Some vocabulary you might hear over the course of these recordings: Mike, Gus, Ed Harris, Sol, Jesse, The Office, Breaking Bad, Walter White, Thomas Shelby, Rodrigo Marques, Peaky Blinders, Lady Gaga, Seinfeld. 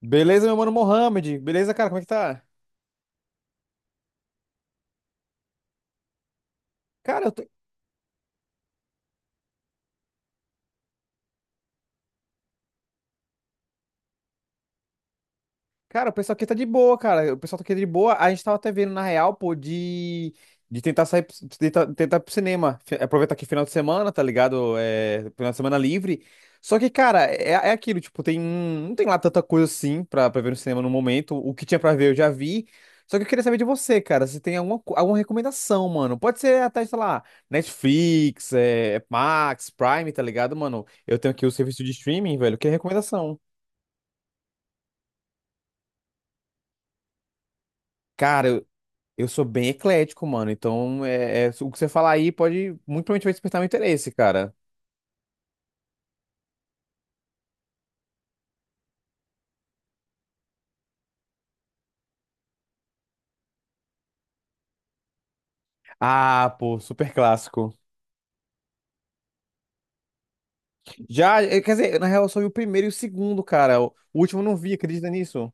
Beleza, meu mano Mohamed? Beleza, cara? Como é que tá? Cara, eu tô, cara, o pessoal aqui tá de boa, cara. O pessoal tá aqui de boa. A gente tava até vendo, na real, pô, de tentar sair, de tentar ir pro cinema. Aproveitar que é final de semana, tá ligado? É, final de semana livre. Só que, cara, é aquilo, tipo, não tem lá tanta coisa assim pra ver no cinema no momento. O que tinha pra ver eu já vi. Só que eu queria saber de você, cara, se tem alguma recomendação, mano. Pode ser até, sei lá, Netflix, é, Max, Prime, tá ligado, mano? Eu tenho aqui o serviço de streaming, velho. Que recomendação? Cara, eu sou bem eclético, mano. Então, o que você falar aí pode muito provavelmente vai despertar meu interesse, cara. Ah, pô, super clássico. Já, quer dizer, na real, eu só vi o primeiro e o segundo, cara. O último eu não vi, acredita nisso?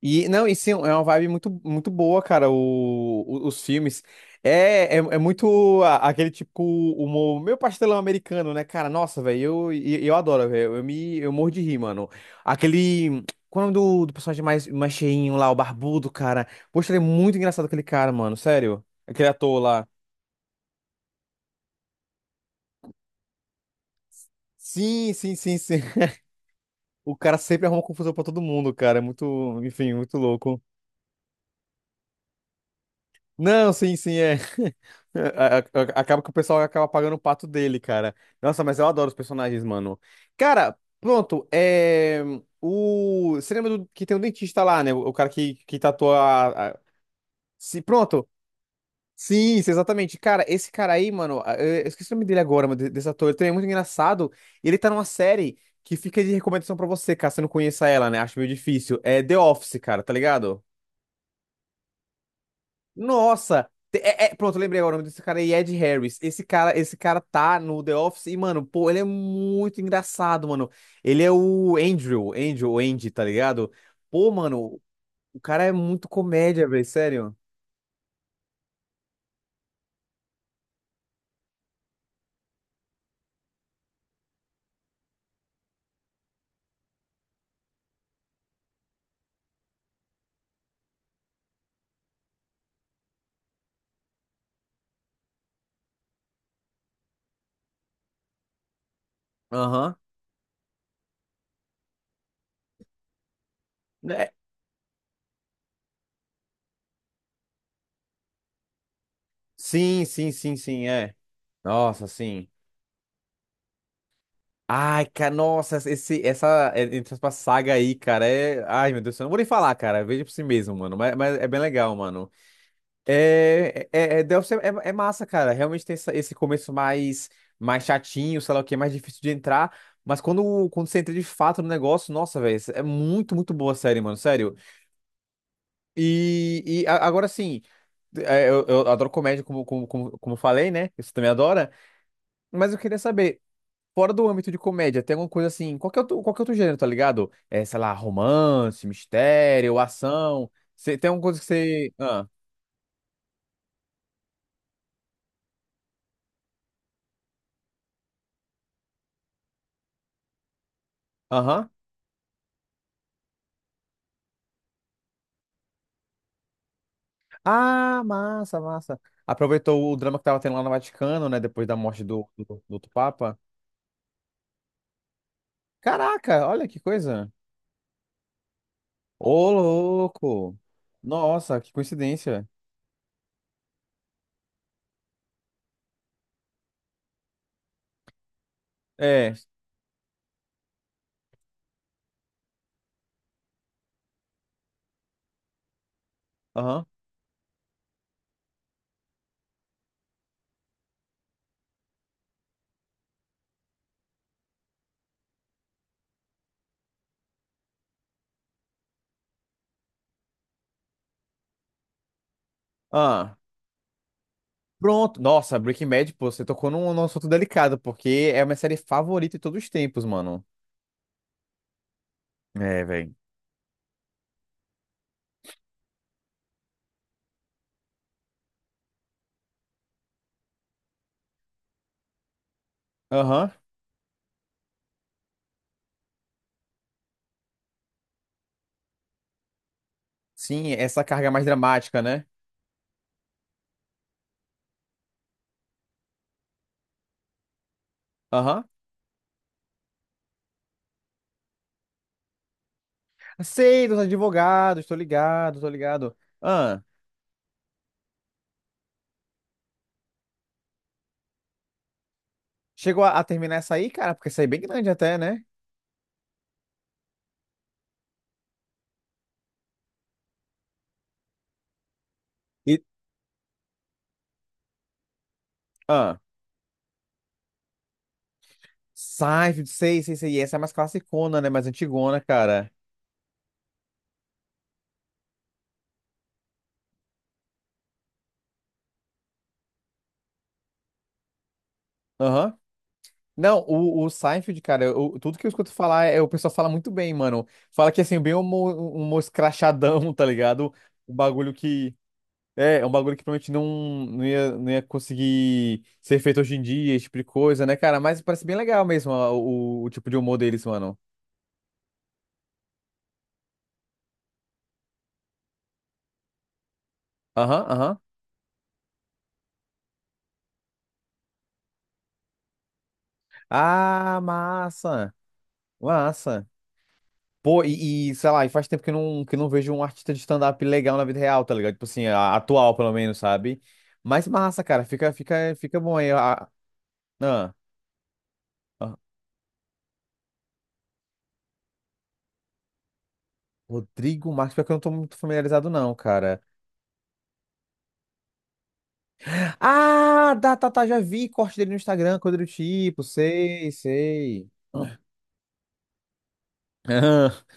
E, não, e sim, é uma vibe muito, muito boa, cara, os filmes. É muito aquele tipo humor, meio pastelão americano, né, cara? Nossa, velho, eu adoro, velho. Eu morro de rir, mano. Aquele. Qual é o nome do personagem mais cheinho lá, o barbudo, cara? Poxa, ele é muito engraçado, aquele cara, mano, sério. Aquele ator lá. Sim, sim, sim, sim. O cara sempre arruma confusão pra todo mundo, cara. É muito, enfim, muito louco. Não, sim, sim, é. Acaba que o pessoal acaba pagando o pato dele, cara. Nossa, mas eu adoro os personagens, mano. Cara, pronto, é. Você lembra que tem um dentista lá, né? O cara que tatua. Se... Pronto. Sim, sim, exatamente. Cara, esse cara aí, mano, eu esqueci o nome dele agora, mas desse ator, ele também é muito engraçado. E ele tá numa série que fica de recomendação pra você, caso você não conheça ela, né? Acho meio difícil. É The Office, cara, tá ligado? Nossa! Pronto, lembrei agora o nome desse cara é Ed Harris. Esse cara tá no The Office e, mano, pô, ele é muito engraçado, mano. Ele é o Andrew, Andrew, Andy, tá ligado? Pô, mano, o cara é muito comédia, velho, sério. Aham. É, sim, sim, sim, sim, é. Nossa, sim. Ai, cara, nossa, esse, essa, é, entre aspas, saga aí, cara, é. Ai, meu Deus, eu não vou nem falar, cara. Veja por si mesmo, mano. Mas é bem legal, mano. The Office é massa, cara. Realmente tem esse começo mais chatinho, sei lá o que, mais difícil de entrar. Mas quando você entra de fato no negócio, nossa, velho, é muito, muito boa a série, mano, sério. E agora sim, é, eu adoro comédia, como eu falei, né? Você também adora. Mas eu queria saber, fora do âmbito de comédia, tem alguma coisa assim, qualquer outro gênero, tá ligado? É, sei lá, romance, mistério, ação. Você, tem alguma coisa que você. Ah, aham. Ah, massa, massa. Aproveitou o drama que tava tendo lá no Vaticano, né? Depois da morte do outro Papa. Caraca, olha que coisa. Ô, louco. Nossa, que coincidência. É, aham. Ah, pronto. Nossa, Breaking Bad, pô, você tocou num assunto delicado, porque é uma série favorita de todos os tempos, mano. É, velho. Aham. Sim, essa carga mais dramática, né? Aham. Sei, dos advogados, tô ligado, tô ligado. Ah, chegou a terminar essa aí, cara, porque essa aí é bem grande até, né? E, ah, Seinfeld, sei, sei, sei. E essa é mais classicona, né? Mais antigona, cara. Aham. Não, o Seinfeld, cara, tudo que eu escuto falar, é, o pessoal fala muito bem, mano. Fala que, assim, bem um humor escrachadão, tá ligado? Um bagulho que... É um bagulho que provavelmente não, não ia conseguir ser feito hoje em dia, esse tipo de coisa, né, cara? Mas parece bem legal mesmo ó, o tipo de humor deles, mano. Aham, aham. Ah, massa. Massa. Pô, sei lá, e faz tempo que eu não vejo um artista de stand-up legal na vida real, tá ligado? Tipo assim, atual, pelo menos, sabe? Mas massa, cara, fica bom aí. Ah, ah, ah, Rodrigo Marques, pior que eu não tô muito familiarizado, não, cara. Ah, tá, tá, tá, já vi corte dele no Instagram, coisa do tipo, sei, sei.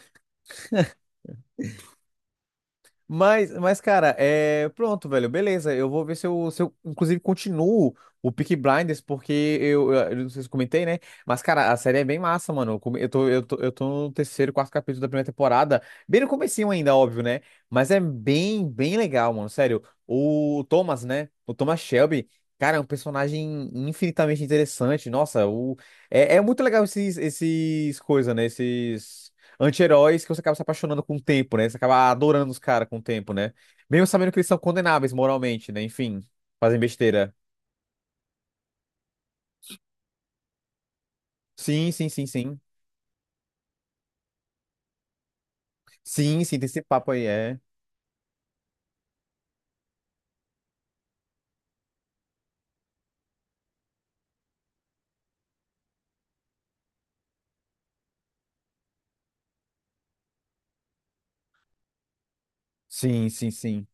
Mas, cara, é. Pronto, velho, beleza. Eu vou ver se eu inclusive, continuo o Peaky Blinders, porque eu não sei se eu comentei, né? Mas, cara, a série é bem massa, mano. Eu, come- eu tô, eu tô, eu tô no terceiro, quarto capítulo da primeira temporada. Bem no comecinho ainda, óbvio, né? Mas é bem legal, mano. Sério. O Thomas, né? O Thomas Shelby, cara, é um personagem infinitamente interessante. Nossa, é muito legal esses, esses coisas, né? Esses anti-heróis que você acaba se apaixonando com o tempo, né? Você acaba adorando os caras com o tempo, né? Mesmo sabendo que eles são condenáveis moralmente, né? Enfim, fazem besteira. Sim, sim, sim, sim. Sim, sim, tem esse papo aí, é. Sim, sim, sim.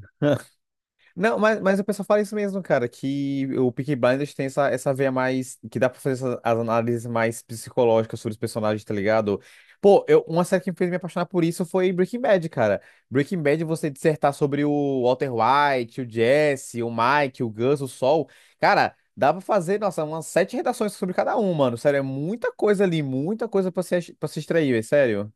Não, mas o pessoal fala isso mesmo, cara, que o Peaky Blinders tem essa, essa veia mais, que dá pra fazer essas, as análises mais psicológicas sobre os personagens, tá ligado? Pô, uma série que me fez me apaixonar por isso foi Breaking Bad, cara. Breaking Bad, você dissertar sobre o Walter White, o Jesse, o Mike, o Gus, o Sol, cara, dá pra fazer, nossa, umas sete redações sobre cada um, mano, sério, é muita coisa ali, muita coisa pra se extrair, velho, sério.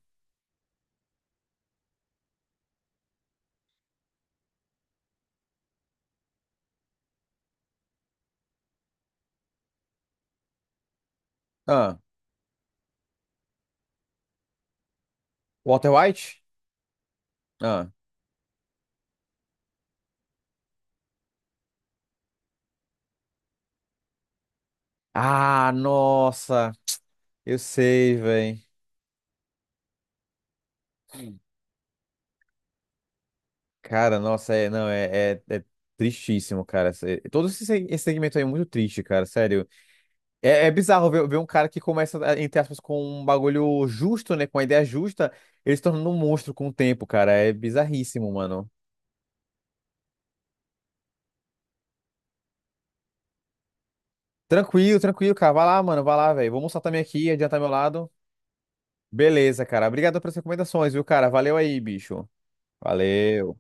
Ah, Walter White? Ah, nossa, eu sei, velho. Cara, nossa, é, não, é tristíssimo, cara. Todo esse esse segmento aí é muito triste, cara, sério. É bizarro ver um cara que começa, entre aspas, com um bagulho justo, né, com uma ideia justa, ele se tornando um monstro com o tempo, cara. É bizarríssimo, mano. Tranquilo, tranquilo, cara. Vai lá, mano, vai lá, velho. Vou almoçar também aqui, adiantar meu lado. Beleza, cara. Obrigado pelas recomendações, viu, cara? Valeu aí, bicho. Valeu.